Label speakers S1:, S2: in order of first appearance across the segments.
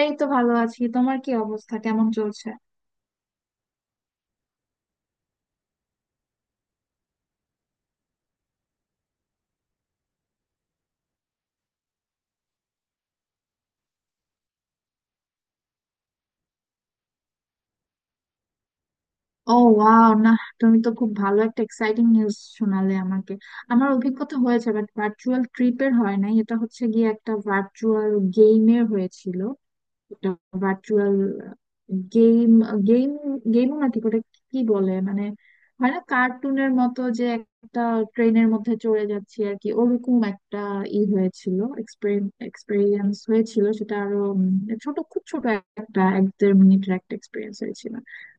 S1: এই তো ভালো আছি। তোমার কি অবস্থা? কেমন চলছে? ও ওয়াও, না, তুমি তো খুব ভালো একটা এক্সাইটিং নিউজ শোনালে আমাকে। আমার অভিজ্ঞতা হয়েছে, বাট ভার্চুয়াল ট্রিপের হয় নাই। এটা হচ্ছে গিয়ে একটা ভার্চুয়াল গেমের হয়েছিল। একটা ভার্চুয়াল গেম। গেম গেমও না ঠিক ওটা, কি বলে মানে, হয় না কার্টুনের মতো যে একটা ট্রেনের মধ্যে চড়ে যাচ্ছি আর কি, ওরকম একটা ই হয়েছিল, এক্সপেরিয়েন্স হয়েছিল। সেটা আরো ছোট, খুব ছোট, একটা এক দেড় মিনিটের একটা এক্সপিরিয়েন্স হয়েছিল।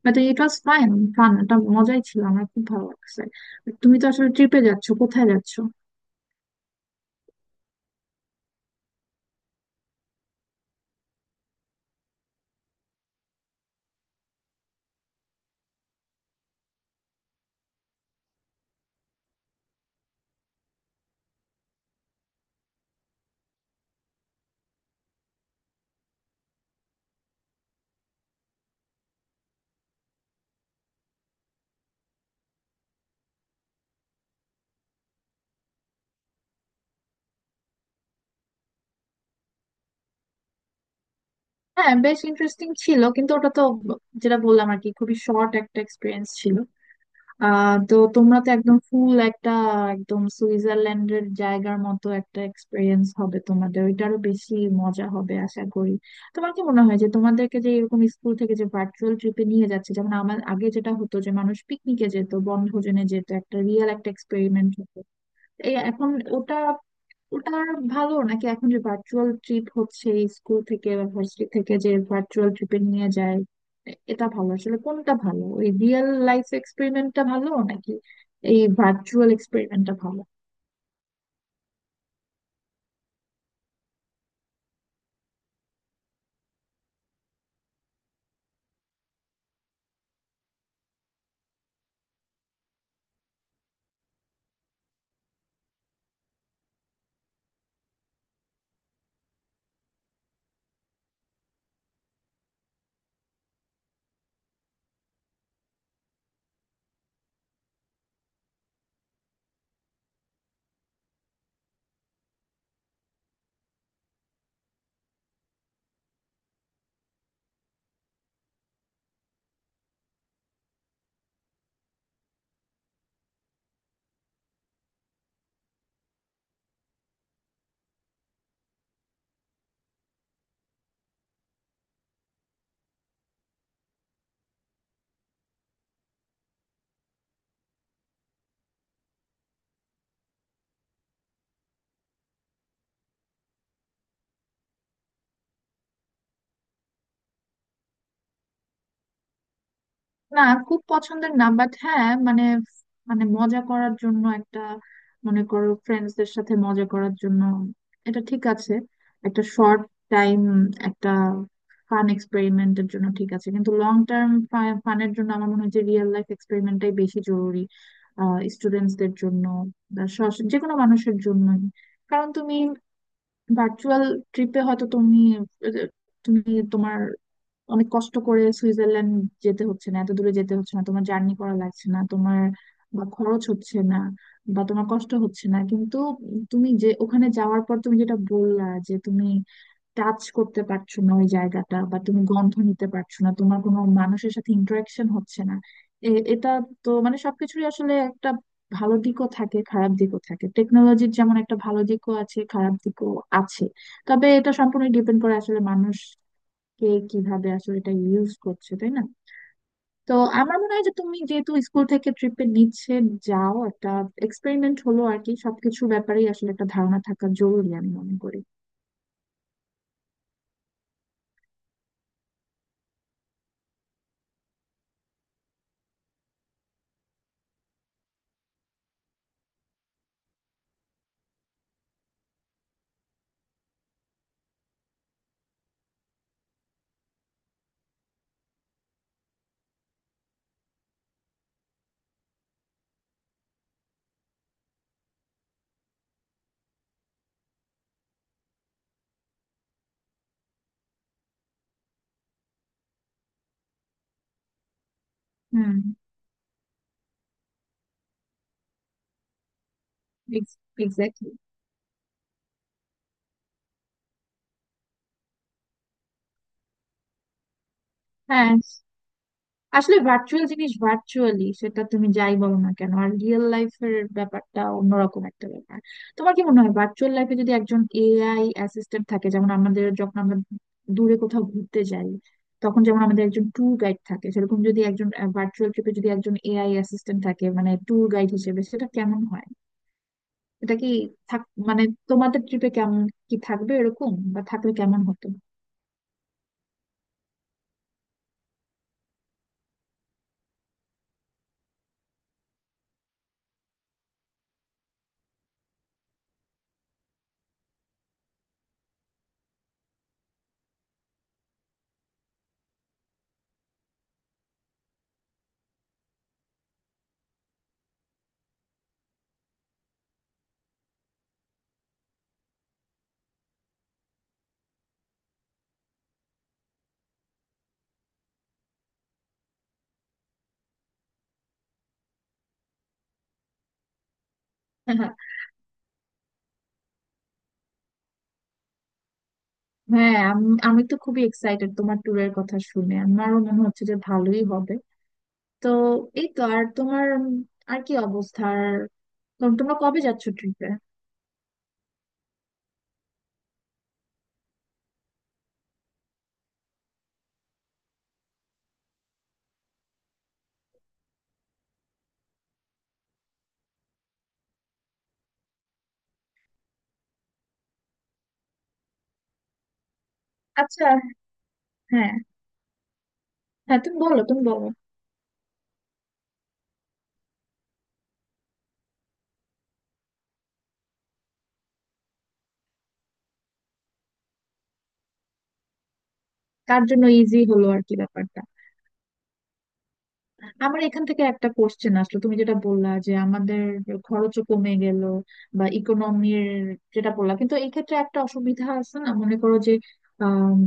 S1: But it was fine, fun. এটা মজাই ছিল, আমার খুব ভালো লাগছে। তুমি তো আসলে ট্রিপে যাচ্ছ, কোথায় যাচ্ছ? হ্যাঁ, বেশ ইন্টারেস্টিং ছিল, কিন্তু ওটা তো যেটা বললাম আর কি, খুবই শর্ট একটা এক্সপিরিয়েন্স ছিল। আহ, তো তোমরা তো একদম ফুল একটা, একদম সুইজারল্যান্ডের জায়গার মতো একটা এক্সপিরিয়েন্স হবে তোমাদের। ওইটারও বেশি মজা হবে আশা করি। তোমার কি মনে হয় যে তোমাদেরকে যে এরকম স্কুল থেকে যে ভার্চুয়াল ট্রিপে নিয়ে যাচ্ছে, যেমন আমার আগে যেটা হতো যে মানুষ পিকনিকে যেত, বনভোজনে যেত, একটা রিয়েল একটা এক্সপেরিমেন্ট হতো, এই এখন ওটা ওটা ভালো নাকি এখন যে ভার্চুয়াল ট্রিপ হচ্ছে স্কুল থেকে বা ভার্সিটি থেকে যে ভার্চুয়াল ট্রিপে নিয়ে যায়, এটা ভালো? আসলে কোনটা ভালো, ওই রিয়েল লাইফ এক্সপেরিমেন্টটা ভালো নাকি এই ভার্চুয়াল এক্সপেরিমেন্টটা ভালো? না, খুব পছন্দের না, বাট হ্যাঁ মানে, মানে মজা করার জন্য একটা, মনে করো ফ্রেন্ডসদের সাথে মজা করার জন্য এটা ঠিক আছে। একটা শর্ট টাইম একটা ফান এক্সপেরিমেন্টের জন্য ঠিক আছে, কিন্তু লং টার্ম ফানের জন্য আমার মনে হয় যে রিয়েল লাইফ এক্সপেরিমেন্টটাই বেশি জরুরি স্টুডেন্টসদের জন্য বা যে কোনো মানুষের জন্যই। কারণ তুমি ভার্চুয়াল ট্রিপে হয়তো তুমি তুমি তোমার অনেক কষ্ট করে সুইজারল্যান্ড যেতে হচ্ছে না, এত দূরে যেতে হচ্ছে না, তোমার জার্নি করা লাগছে না, তোমার বা খরচ হচ্ছে না, বা তোমার কষ্ট হচ্ছে না, কিন্তু তুমি যে ওখানে যাওয়ার পর তুমি যেটা বললা যে তুমি টাচ করতে পারছো না ওই জায়গাটা, বা তুমি গন্ধ নিতে পারছো না, তোমার কোনো মানুষের সাথে ইন্টারাকশন হচ্ছে না, এটা। তো মানে সবকিছুরই আসলে একটা ভালো দিকও থাকে, খারাপ দিকও থাকে। টেকনোলজির যেমন একটা ভালো দিকও আছে, খারাপ দিকও আছে। তবে এটা সম্পূর্ণ ডিপেন্ড করে আসলে মানুষ কে কিভাবে আসলে এটা ইউজ করছে, তাই না? তো আমার মনে হয় যে তুমি যেহেতু স্কুল থেকে ট্রিপে নিচ্ছে, যাও, একটা এক্সপেরিমেন্ট হলো আর কি। সবকিছু ব্যাপারেই আসলে একটা ধারণা থাকা জরুরি আমি মনে করি। হুম। এক্স্যাক্টলি। হ্যাঁ। আসলে ভার্চুয়াল জিনিস ভার্চুয়ালি, সেটা তুমি যাই বলো না কেন, আর রিয়েল লাইফের ব্যাপারটা অন্যরকম একটা ব্যাপার। তোমার কি মনে হয় ভার্চুয়াল লাইফে যদি একজন এআই অ্যাসিস্ট্যান্ট থাকে, যেমন আমাদের যখন আমরা দূরে কোথাও ঘুরতে যাই তখন যেমন আমাদের একজন ট্যুর গাইড থাকে, সেরকম যদি একজন ভার্চুয়াল ট্রিপে যদি একজন এআই অ্যাসিস্ট্যান্ট থাকে মানে ট্যুর গাইড হিসেবে, সেটা কেমন হয়? এটা কি থাক, মানে তোমাদের ট্রিপে কেমন কি থাকবে এরকম, বা থাকলে কেমন হতো? হ্যাঁ, আমি আমি তো খুবই এক্সাইটেড তোমার ট্যুরের কথা শুনে, আমারও মনে হচ্ছে যে ভালোই হবে। তো এই তো। আর তোমার আর কি অবস্থা? আর তোমরা কবে যাচ্ছ ট্রিপে? আচ্ছা। হ্যাঁ। হ্যাঁ, তুমি বলো, তুমি বলো। কার জন্য ইজি হলো আর কি ব্যাপার। আমার এখান থেকে একটা কোশ্চেন আসলো, তুমি যেটা বললা যে আমাদের খরচও কমে গেল, বা ইকোনমির যেটা বললা, কিন্তু এই ক্ষেত্রে একটা অসুবিধা আছে না? মনে করো যে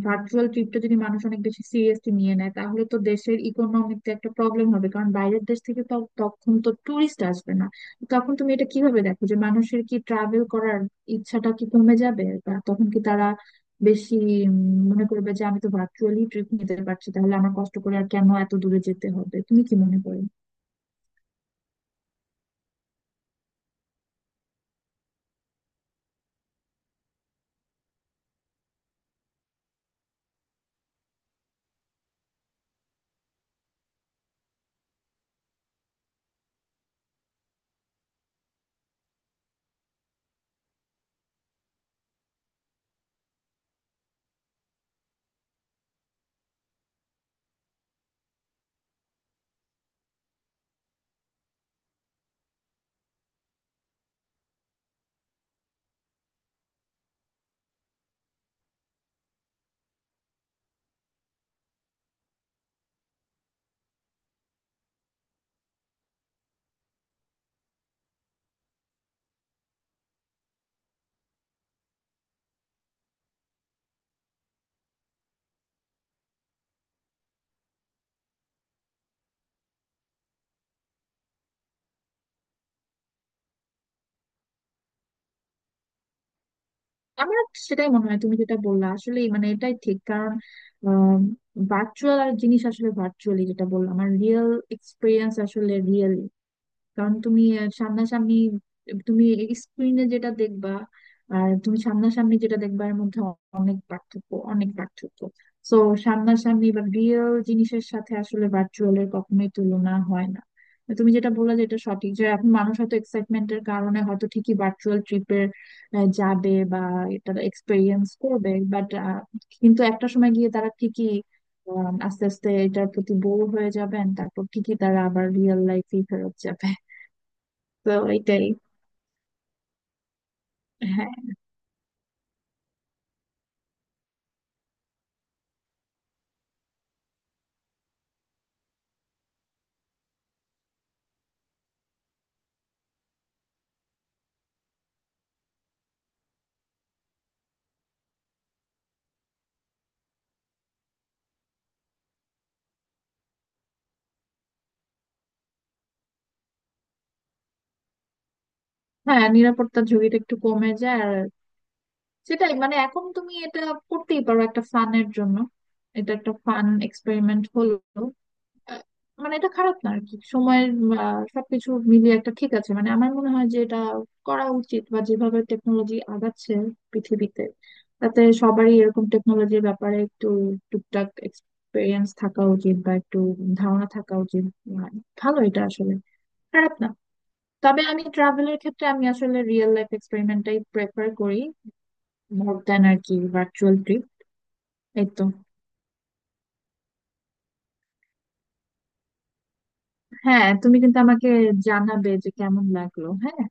S1: ভার্চুয়াল ট্রিপটা যদি মানুষ অনেক বেশি সিরিয়াসলি নিয়ে নেয়, তাহলে তো দেশের ইকোনমিতে একটা প্রবলেম হবে, কারণ বাইরের দেশ থেকে তো তখন তো ট্যুরিস্ট আসবে না। তখন তুমি এটা কিভাবে দেখো, যে মানুষের কি ট্রাভেল করার ইচ্ছাটা কি কমে যাবে, বা তখন কি তারা বেশি উম, মনে করবে যে আমি তো ভার্চুয়ালি ট্রিপ নিতে পারছি, তাহলে আমার কষ্ট করে আর কেন এত দূরে যেতে হবে? তুমি কি মনে করো? আমার সেটাই মনে হয়, তুমি যেটা বললা আসলে মানে এটাই ঠিক। কারণ ভার্চুয়াল আর জিনিস, আসলে ভার্চুয়ালি যেটা বললাম, আর রিয়েল এক্সপিরিয়েন্স আসলে রিয়েল। কারণ তুমি সামনাসামনি তুমি স্ক্রিনে যেটা দেখবা, আর তুমি সামনাসামনি যেটা দেখবা, এর মধ্যে অনেক পার্থক্য, অনেক পার্থক্য। তো সামনাসামনি বা রিয়েল জিনিসের সাথে আসলে ভার্চুয়ালের কখনোই তুলনা হয় না। তো তুমি যেটা বললে যে এটা সঠিক, যে এখন মানুষ হয়তো এক্সাইটমেন্টের কারণে হয়তো ঠিকই ভার্চুয়াল ট্রিপের যাবে বা এটা এক্সপেরিয়েন্স করবে, বাট কিন্তু একটা সময় গিয়ে তারা ঠিকই আস্তে আস্তে এটার প্রতি বোর হয়ে যাবেন, তারপর ঠিকই তারা আবার রিয়েল লাইফে ফেরত যাবে। তো এটাই। হ্যাঁ। হ্যাঁ, নিরাপত্তার ঝুঁকিটা একটু কমে যায়। আর সেটাই, মানে এখন তুমি এটা করতেই পারো একটা ফানের জন্য, এটা একটা ফান এক্সপেরিমেন্ট হলো। আহ, মানে এটা খারাপ না আর কি। সময়ের সবকিছু মিলিয়ে একটা ঠিক আছে, মানে আমার মনে হয় যে এটা করা উচিত। বা যেভাবে টেকনোলজি আগাচ্ছে পৃথিবীতে, তাতে সবারই এরকম টেকনোলজির ব্যাপারে একটু টুকটাক এক্সপিরিয়েন্স থাকা উচিত, বা একটু ধারণা থাকা উচিত। আহ, ভালো, এটা আসলে খারাপ না। তবে আমি ট্রাভেলের ক্ষেত্রে আমি আসলে রিয়েল লাইফ এক্সপেরিমেন্টটাই প্রেফার করি মোর দ্যান আর কি ভার্চুয়াল ট্রিপ। এই তো। হ্যাঁ, তুমি কিন্তু আমাকে জানাবে যে কেমন লাগলো, হ্যাঁ।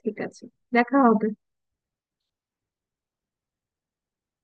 S1: ঠিক আছে। দেখা হবে।